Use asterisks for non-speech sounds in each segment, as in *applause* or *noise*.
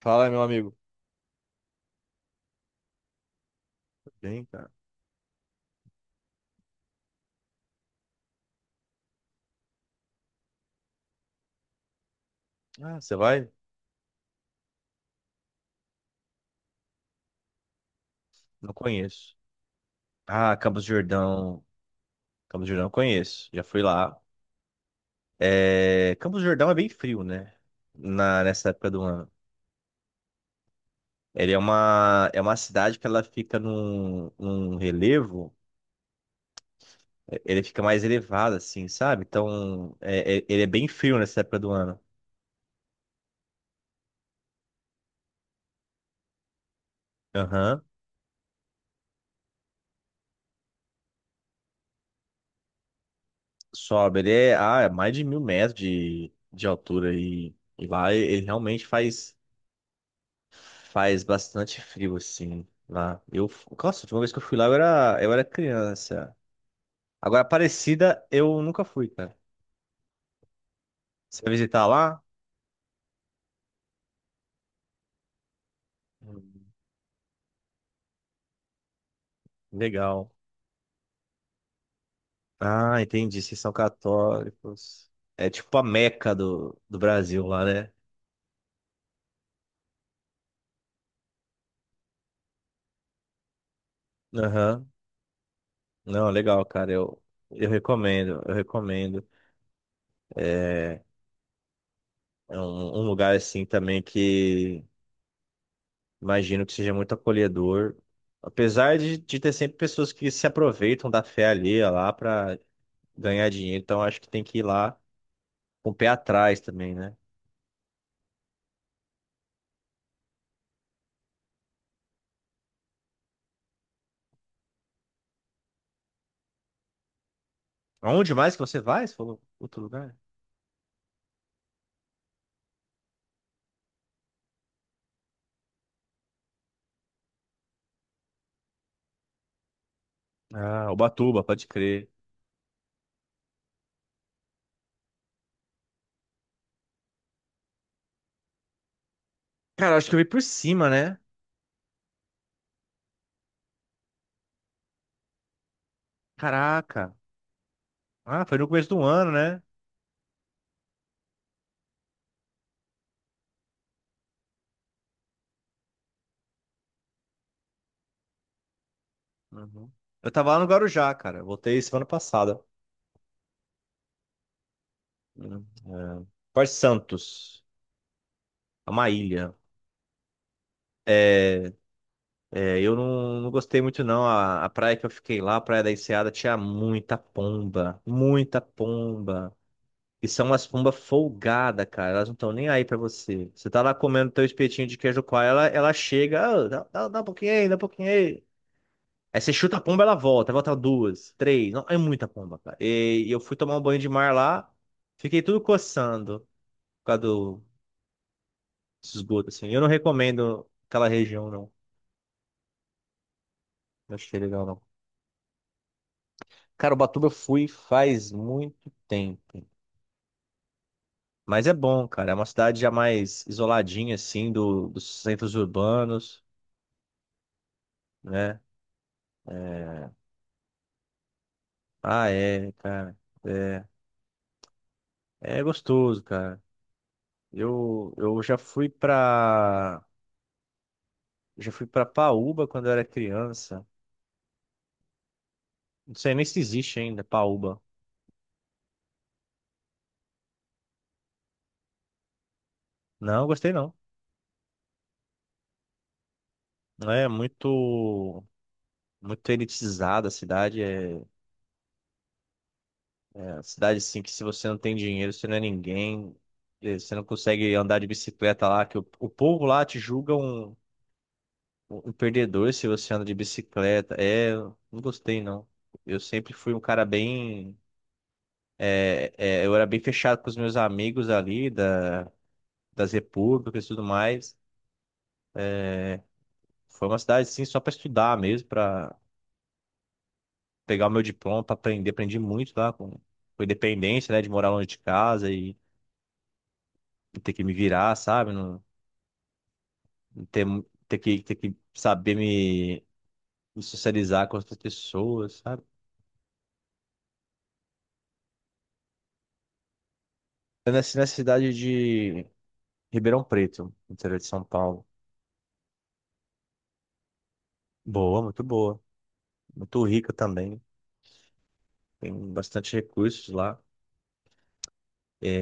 Fala, meu amigo. Tudo bem, cara. Ah, você vai? Não conheço. Ah, Campos do Jordão. Campos do Jordão eu conheço. Já fui lá. Campos do Jordão é bem frio, né? Nessa época do ano. Ele é uma cidade que ela fica num relevo. Ele fica mais elevado, assim, sabe? Então, ele é bem frio nessa época do ano. Aham. Sobe. Ah, é mais de 1.000 metros de altura. E lá ele realmente faz. Faz bastante frio, assim, lá. Eu, nossa, a última vez que eu fui lá eu era criança. Agora, Aparecida, eu nunca fui, cara. Você vai visitar lá? Hum. Legal. Ah, entendi. Vocês são católicos. É tipo a Meca do Brasil lá, né? Aham. Não, legal, cara. Eu recomendo, eu recomendo. É, é, um lugar, assim, também que imagino que seja muito acolhedor. Apesar de ter sempre pessoas que se aproveitam da fé alheia lá para ganhar dinheiro, então acho que tem que ir lá com o pé atrás também, né? Aonde mais que você vai? Você falou outro lugar? Ah, Ubatuba, pode crer. Cara, acho que eu vi por cima, né? Caraca. Ah, foi no começo do ano, né? Uhum. Eu tava lá no Guarujá, cara. Eu voltei semana passada. Uhum. É. Porto Santos. É uma ilha. É, É, eu não, não gostei muito não. A praia que eu fiquei lá, a Praia da Enseada, tinha muita pomba, muita pomba. E são umas pombas folgadas, cara. Elas não estão nem aí pra você. Você tá lá comendo teu espetinho de queijo coalho, ela chega: "Ah, dá um pouquinho aí, dá um pouquinho aí." Aí você chuta a pomba, ela volta, volta duas, três. Não, é muita pomba, cara. E eu fui tomar um banho de mar lá, fiquei tudo coçando por causa do esgoto, assim. Eu não recomendo aquela região, não. Não achei legal, não. Cara, Ubatuba eu fui faz muito tempo. Mas é bom, cara. É uma cidade já mais isoladinha, assim, dos centros urbanos, né? É... Ah, é, cara. É, é, gostoso, cara. Eu já fui pra. Já fui pra Paúba quando eu era criança. Não sei nem se existe ainda, Paúba. Não, gostei não. É muito. Muito elitizada a cidade. Cidade assim que se você não tem dinheiro, você não é ninguém, você não consegue andar de bicicleta lá, que o povo lá te julga um perdedor se você anda de bicicleta. É, eu não gostei não. Eu sempre fui um cara bem, eu era bem fechado com os meus amigos ali das repúblicas e tudo mais. Foi uma cidade assim só para estudar mesmo, para pegar o meu diploma, para aprender, aprendi muito lá com independência, né, de morar longe de casa e ter que me virar, sabe? ter que saber me socializar com outras pessoas, sabe? Eu nasci na cidade de Ribeirão Preto, no interior de São Paulo. Boa. Muito rica também. Tem bastante recursos lá.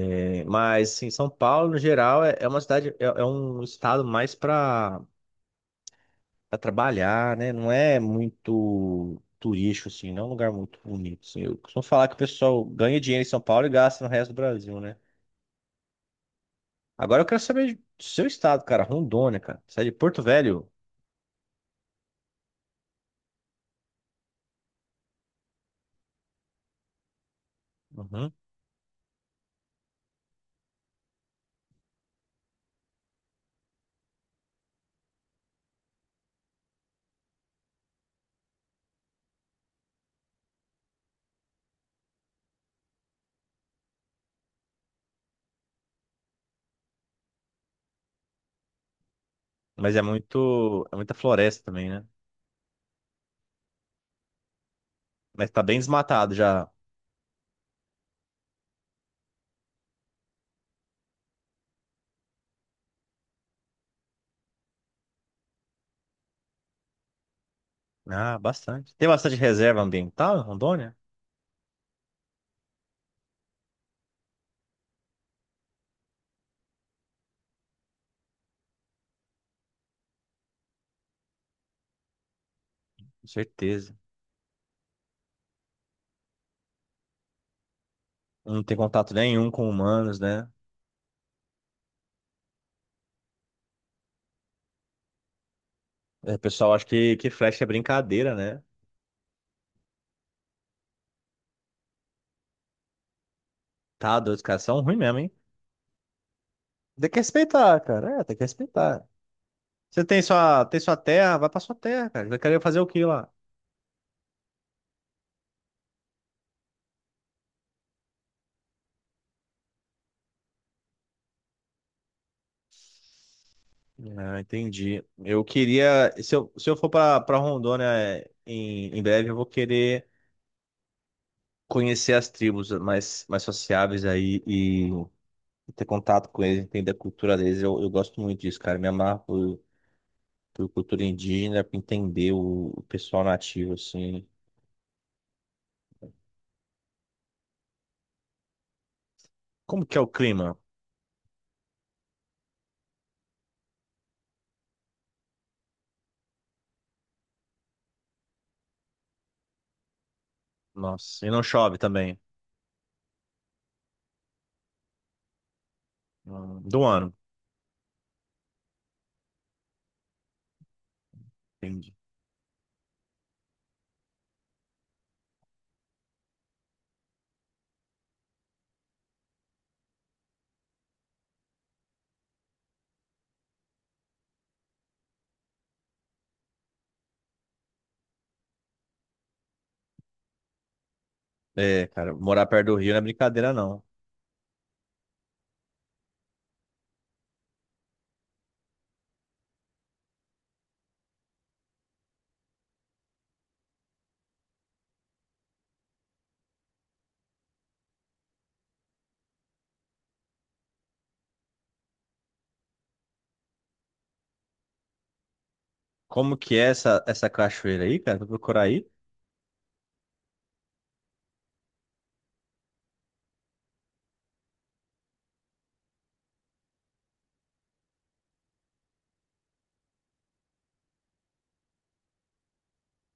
É, mas, assim, São Paulo, no geral, é um estado mais para trabalhar, né? Não é muito turístico, assim, não é um lugar muito bonito, assim. Eu costumo falar que o pessoal ganha dinheiro em São Paulo e gasta no resto do Brasil, né? Agora eu quero saber do seu estado, cara, Rondônia, cara. Sai de Porto Velho? Uhum. Mas é muito, é muita floresta também, né? Mas tá bem desmatado já. Ah, bastante. Tem bastante reserva ambiental em Rondônia? Com certeza. Não tem contato nenhum com humanos, né? É, o pessoal acha que flecha é brincadeira, né? Tá doido, os caras são ruins mesmo, hein? Tem que respeitar, cara. É, tem que respeitar. Você tem sua terra, vai pra sua terra, cara. Vai querer fazer o que lá? Ah, entendi. Eu queria, se eu for para Rondônia em breve, eu vou querer conhecer as tribos mais sociáveis aí e ter contato com eles, entender a cultura deles. Eu gosto muito disso, cara. Me amarro por cultura indígena, por entender o pessoal nativo, assim. Como que é o clima? Nossa, e não chove também. Do ano. Entendi. É, cara, morar perto do rio não é brincadeira, não. Como que é essa cachoeira aí, cara? Vou procurar aí.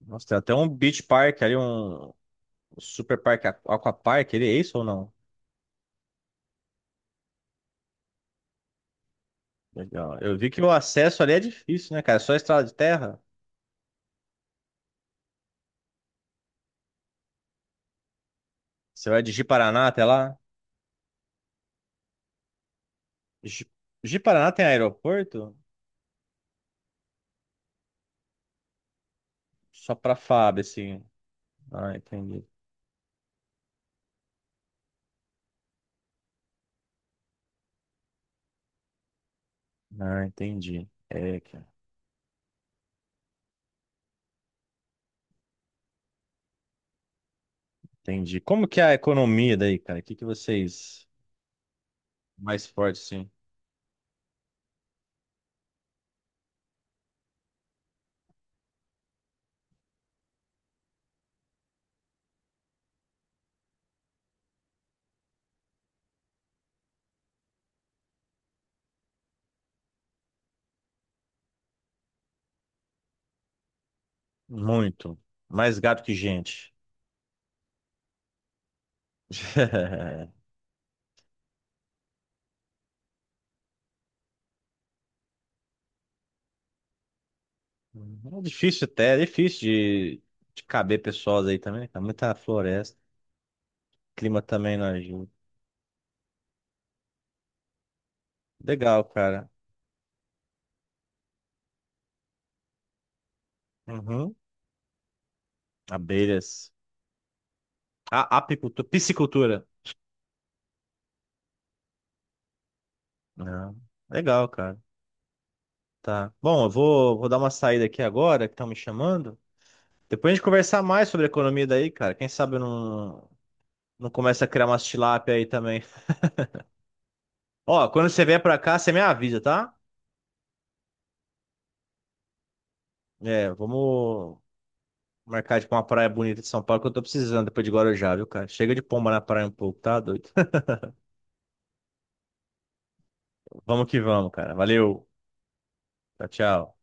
Nossa, tem até um beach park ali, um super parque, aquapark, ele é isso ou não? Legal. Eu vi que o acesso ali é difícil, né, cara? É só estrada de terra. Você vai de Ji-Paraná até lá. Ji- Ji-Paraná tem aeroporto? Só pra FAB, assim. Ah, entendi. Ah, entendi. É, cara. Entendi. Como que é a economia daí, cara? O que que vocês... Mais forte, sim. Muito. Mais gato que gente. *laughs* É difícil até, é difícil de caber pessoas aí também. Tá muita floresta, clima também não ajuda. Legal, cara. Uhum. Abelhas. A apicultura, piscicultura. Ah, legal, cara. Tá. Bom, eu vou dar uma saída aqui agora, que estão me chamando. Depois a gente conversar mais sobre a economia daí, cara. Quem sabe eu não, não começa a criar umas tilápia aí também. Ó, quando você vier pra cá, você me avisa, tá? É, vamos, marcar, tipo, uma praia bonita de São Paulo que eu tô precisando depois de Guarujá, viu, cara? Chega de pomba na praia um pouco, tá doido? *laughs* Vamos que vamos, cara. Valeu. Tchau, tchau.